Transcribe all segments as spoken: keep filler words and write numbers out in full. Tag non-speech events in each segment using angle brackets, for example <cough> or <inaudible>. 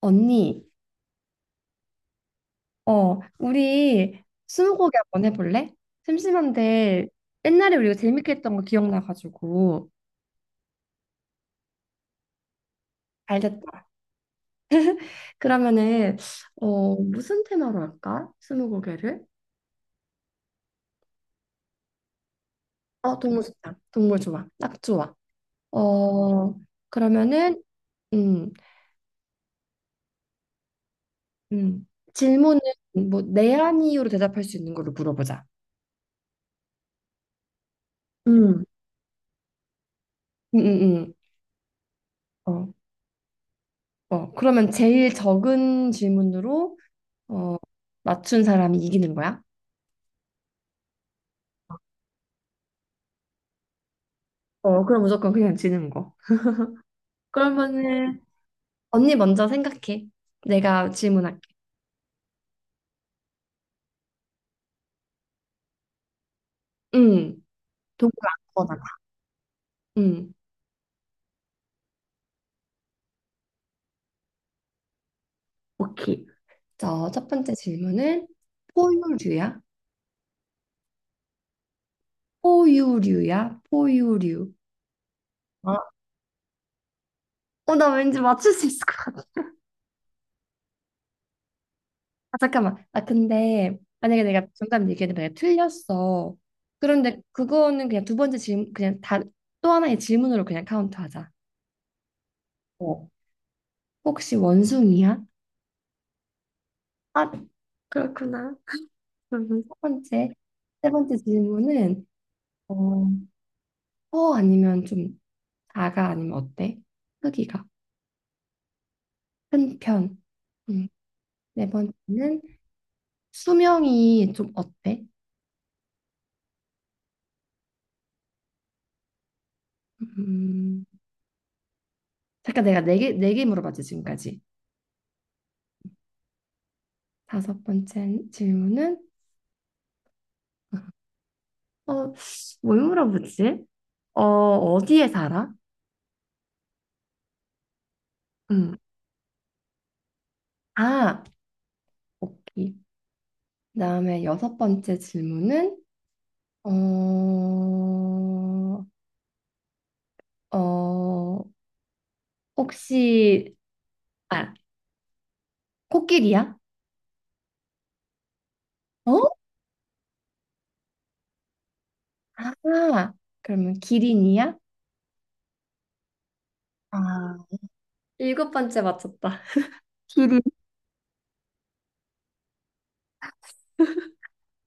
언니, 어, 우리 스무고개 한번 해볼래? 심심한데 옛날에 우리가 재밌게 했던 거 기억나가지고. 알겠다. 그러면은 어, 무슨 테마로 할까? 스무고개를? 어, 동물 좋다. 동물 좋아. 딱 좋아. 어, 그러면은 음, 음. 질문은 뭐네 아니요로 대답할 수 있는 걸로 물어보자. 음, 음, 음, 음. 어, 어. 그러면 제일 적은 질문으로 어, 맞춘 사람이 이기는 거야? 어, 그럼 무조건 그냥 지는 거. 그러면은 언니 먼저 생각해. 내가 질문할게. 응. 도구 아무거나. 응. 오케이. 자, 첫 번째 질문은 포유류야? 포유류야? 포유류. 어, 어, 나 왠지 맞출 수 있을 것 같아. 아, 잠깐만. 아, 근데 만약에 내가 정답 얘기해도 내가 틀렸어. 그런데 그거는 그냥 두 번째 질문, 그냥 다 또 하나의 질문으로 그냥 카운트하자. 어. 혹시 원숭이야? 아, 그렇구나. 그리고 첫 번째, 세 번째 질문은 어, 커 아니면 좀 작아 아니면 어때? 크기가. 큰 편. 음, 네 번째는 수명이 좀 어때? 음, 잠깐 내가 네 개, 네 개 물어봤지 지금까지. 다섯 번째 질문은 어, 뭘 물어보지? 어, 어디에 살아? 음, 아, 오케이. 그다음에 여섯 번째 질문은 어, 어, 혹시 아, 코끼리야? 어? 아, 그러면 기린이야? 아, 일곱 번째 맞췄다. <laughs> 기린,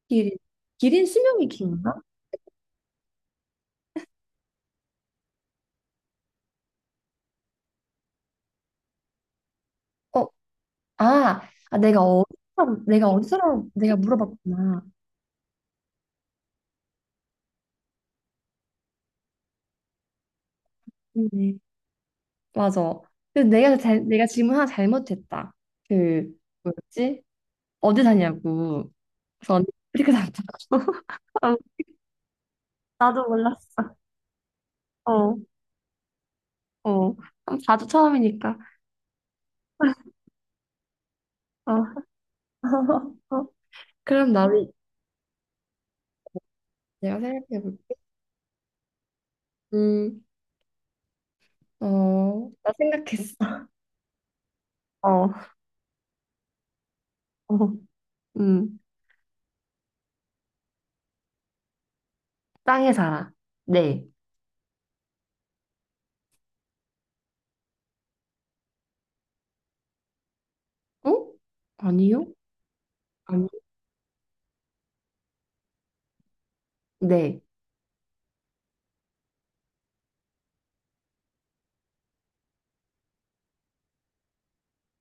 기린. 기린 수명이 긴가? 어, 아, 아 내가 어디서 내가 어디서 내가 물어봤구나. 네. 맞아. 근데 내가 잘, 내가 질문 하나 잘못했다. 그 뭐였지? 어디 사냐고. 그래서 언니 아프리카 산다. <laughs> 어, 나도 몰랐어. 어, 어, 어. 자주 처음이니까. 어. 어, <laughs> 그럼 나도 내가 생각해볼게. 음, 어, 나 생각했어. 어, 어, 음, 땅에 살아. 네, 어? 아니요? 아니, 네,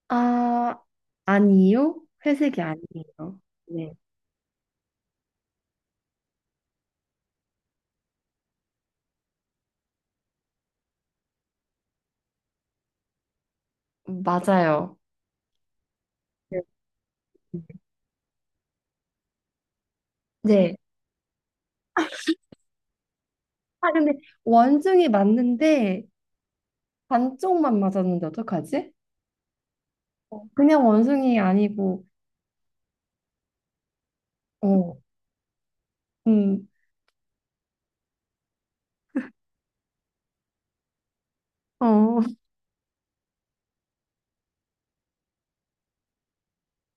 아, 아니요? 회색이 아니에요. 네. 맞아요. 네. 네, 아, 근데 원숭이 맞는데 반쪽만 맞았는데 어떡하지? 어, 그냥 원숭이 아니고, 어, 음, 어, <laughs>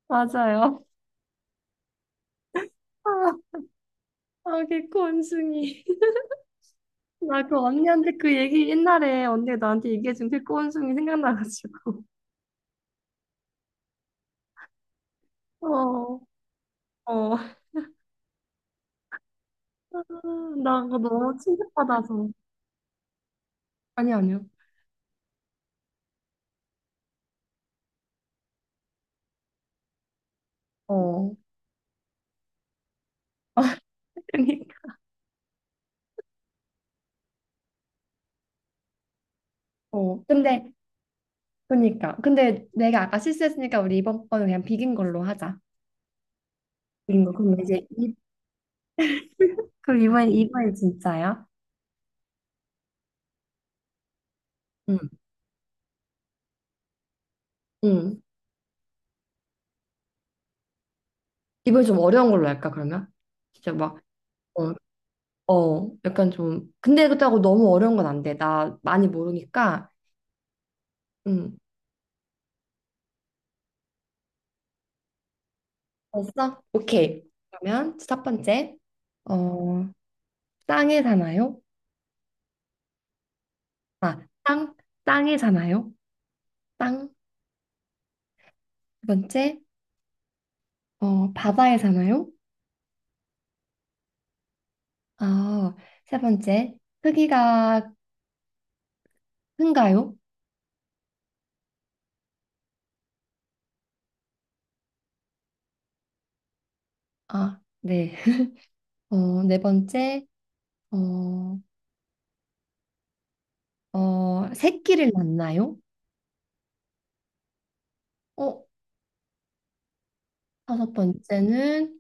맞아요. 아, 개코 원숭이. 나 그 언니한테 그 얘기 옛날에 언니가 나한테 얘기해준 그꼬숭이 생각나가지고. 어, 어. 아, 나 그거 너무 충격받아서. 아니, 아니요. 어. 그니까. 어. 근데, 그니까. 근데 내가 아까 실수했으니까 우리 이번 거는 그냥 비긴 걸로 하자. 비긴 거. 그럼 이제, 이, 그럼 이번엔, 이번엔 진짜야? 응. 응. 이번엔 좀 어려운 걸로 할까, 그러면? 진짜 막, 어, 어. 약간 좀. 근데 그렇다고 너무 어려운 건 안 돼. 나 많이 모르니까. 응. 벌써? 오케이. 그러면 첫 번째. 어, 땅에 사나요? 아, 땅, 땅에 사나요? 땅. 두 번째. 어, 바다에 사나요? 아, 세 번째. 크기가 큰가요? 아, 네. <laughs> 어, 네 번째. 어, 어, 새끼를 낳나요? 어, 다섯 번째는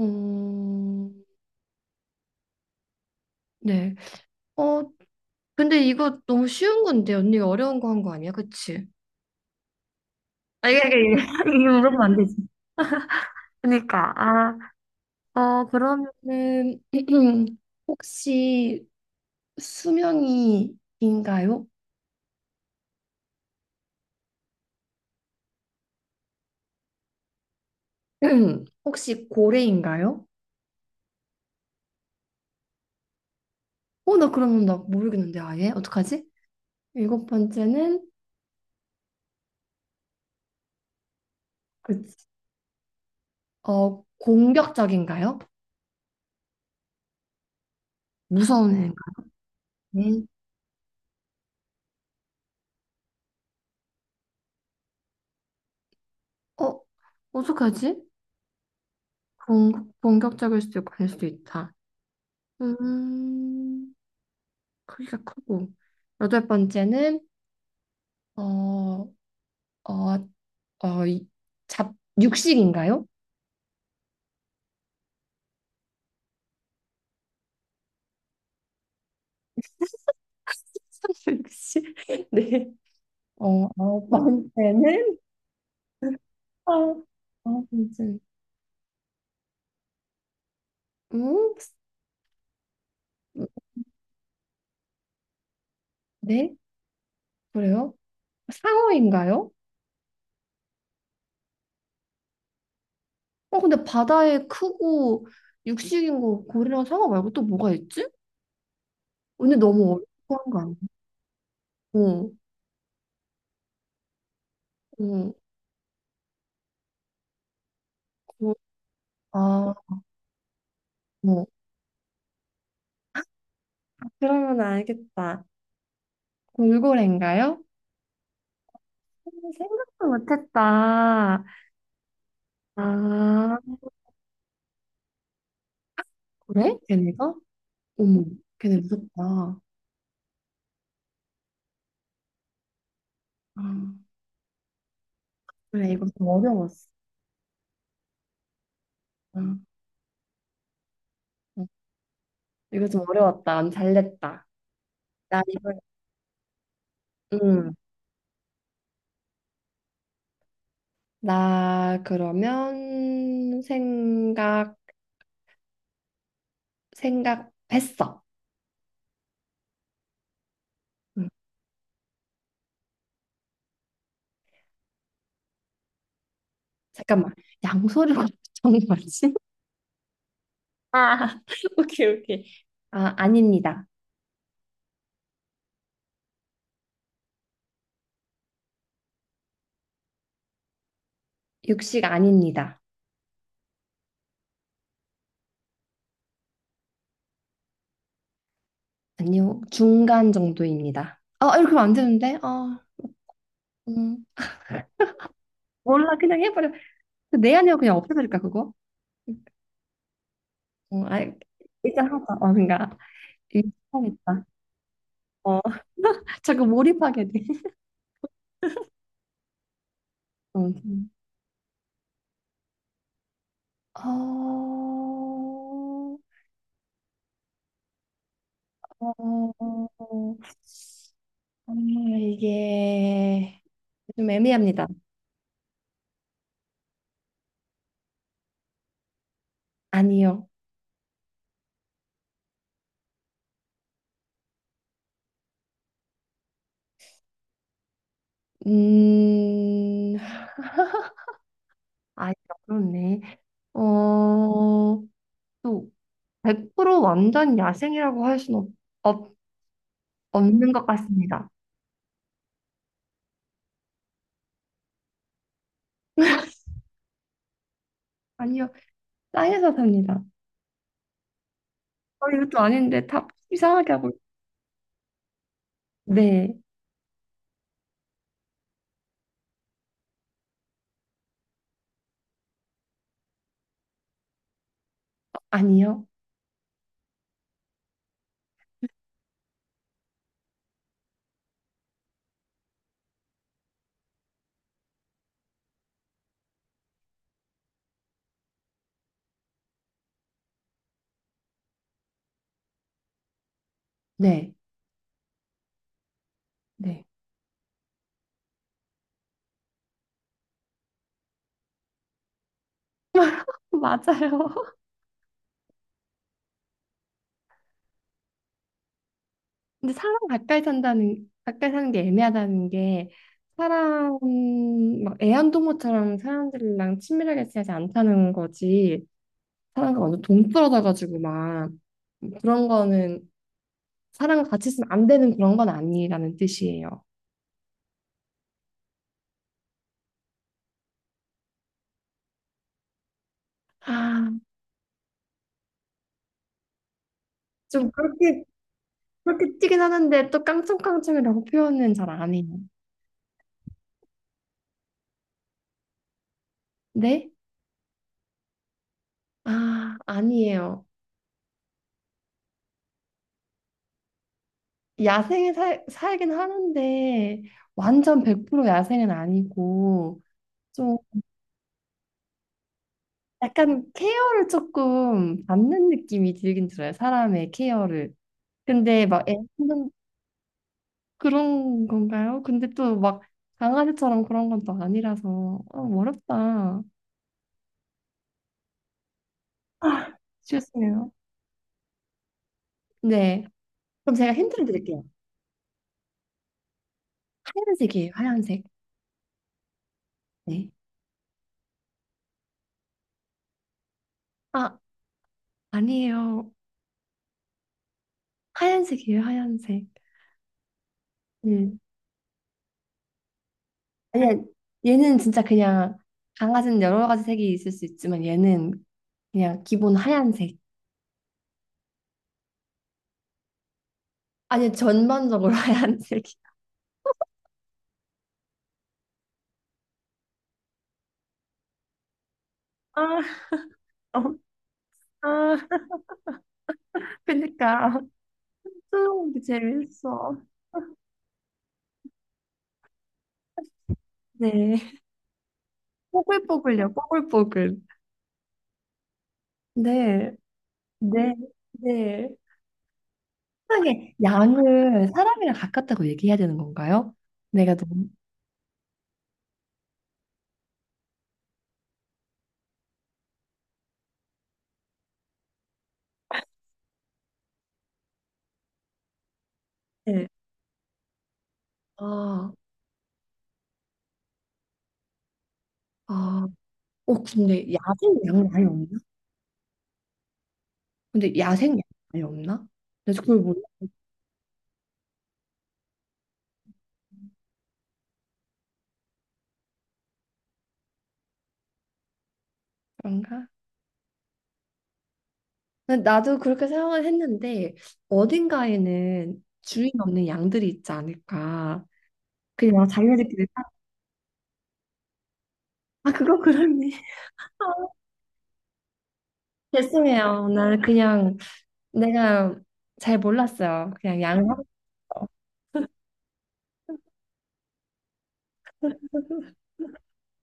음, 네. 어, 근데 이거 너무 쉬운 건데 언니가 어려운 거 한 거 아니야? 그치? 아, 이게, 이게, 이게 물어보면 안 되지. 그니까, 아, 어, 그러면은, <clears throat> 혹시 수명이인가요? <clears throat> 혹시 고래인가요? 어, 나 그러면 나 모르겠는데, 아예? 어떡하지? 일곱 번째는, 그치. 어, 공격적인가요? 무서운 애인가요? 네. 어, 어떡하지? 공, 공격적일 수도 있고, 아닐 수도 있다. 음, 크기가 크고. 여덟 번째는, 어, 어, 어, 이- 잡, 육식인가요? <laughs> 육식. 네. 어, 아홉 번째는, 아, 아홉 번째. 음? 네? 그래요? 상어인가요? 어, 근데 바다에 크고 육식인 거 고래랑 상어 말고 또 뭐가 있지? 근데 너무 어려운 거 아니야? 어, 어, 어, 아, 어. 그러면 알겠다. 돌고래인가요? 생각도 못했다. 아, 그래? 걔네가? 어머, 걔네 무섭다. 아, 그래, 이거 좀 어려웠어. 아, 어, 이거 좀 어려웠다. 안 잘됐다. 나 이걸, 음, 나 그러면 생각, 생각했어. 응. 잠깐만, 양서류가 정말지 <laughs> 아, 오케이, 오케이. 아, 아닙니다. 육식 아닙니다. 아니요, 중간 정도입니다. 아, 이렇게 하면 안 되는데? 아, 음. 몰라, 그냥 해버려. 내 아니야, 그냥 없애버릴까, 그거? 어, 아, 일단 하자. 어, 그러니까 일하겠다. 어, <laughs> 자꾸 몰입하게 돼. 어, 어, 어, 정말 이게 좀 애매합니다. 아니요. 음, 아, 그렇네. 어, 또 백 퍼센트 완전 야생이라고 할 수는 없, 없- 없는 것 같습니다. 아니요, 땅에서 삽니다. 어, 이것도 아닌데 다 이상하게 하고. 네. 아니요. 네. 네. <laughs> 맞아요. <laughs> 근데 사람 가까이 산다는, 가까이 사는 게 애매하다는 게, 사람, 막 애완동물처럼 사람들이랑 친밀하게 지내지 않다는 거지, 사람과 완전 동떨어져가지고 막, 그런 거는, 사람과 같이 있으면 안 되는 그런 건 아니라는 뜻이에요. 아, 좀 그렇게, 그렇게 튀긴 하는데, 또 깡총깡총이라고 표현은 잘 안 해요. 네? 아, 아니에요. 야생에 살, 살긴 하는데 완전 백 퍼센트 야생은 아니고 좀 약간 케어를 조금 받는 느낌이 들긴 들어요. 사람의 케어를. 근데 막 애, 그런 건가요? 근데 또 막 강아지처럼 그런 건 또 아니라서 어, 어렵다. 아, 죄송해요. 네. 그럼 제가 힌트를 드릴게요. 하얀색이에요, 하얀색. 네. 아, 아니에요. 하얀색이에요, 하얀색. 아니야, 얘는 진짜 그냥 강아지는 여러 가지 색이 있을 수 있지만 얘는 그냥 기본 하얀색. 아니, 전반적으로 <laughs> 하얀색이. 아, 어, 아, 그니까. 뜨거운 게 재밌어. 네. 뽀글뽀글요, 뽀글뽀글. 네, 네, 네. 세상에, 양을 사람이랑 같다고 얘기해야 되는 건가요? 내가 너무. 네. 아, 아. 어, 근데 야생 양은 아예 없나? 근데 야생 양은 아예 없나? 그래서 그걸 몰라. 그런가? 근데 나도 그렇게 생각을 했는데 어딘가에는 주인 없는 양들이 있지 않을까. 그냥 자기네들끼리 딱, 아 그거 그렇네. <laughs> 죄송해요. 나는 그냥 내가 잘 몰랐어요. 그냥 양 샀어.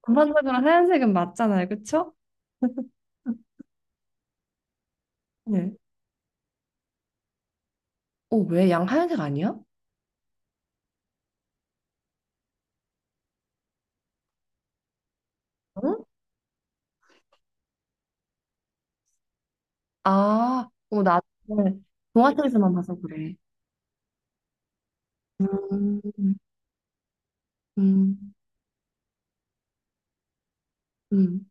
전반적으로 하얀색은 맞잖아요, 그쵸? 네. 어, 왜 양 하얀색 아니야? 응? 아, 어, 나 동화책에서만 봐서 그래. 음, 음, 음.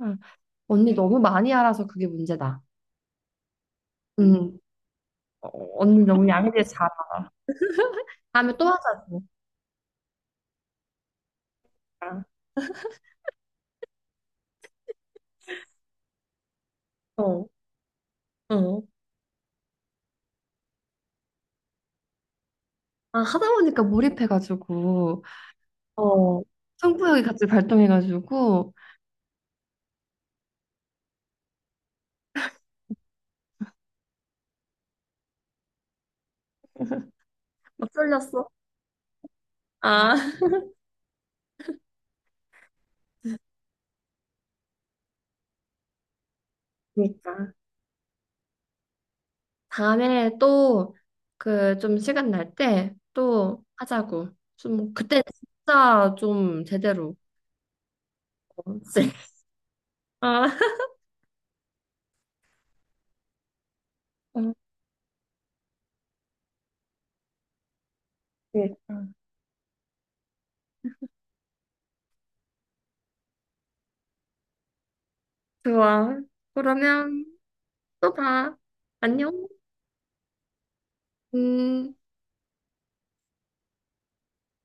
아, 언니 너무 많이 알아서 그게 문제다. 음. 어, 언니 너무 양질 잘하. 다음에 또 하자고. 어, 어. 아, 하다 보니까 몰입해가지고 어. 승부욕이 같이 발동해가지고 막 쏠렸어. 아. 그러니까 다음에 또 그 좀 시간 날 때 또 하자고. 좀 그때 진짜 좀 제대로. 어, 쎄. 아. 어, 그러니까. 좋아. 그러면 또 봐. 안녕. 음.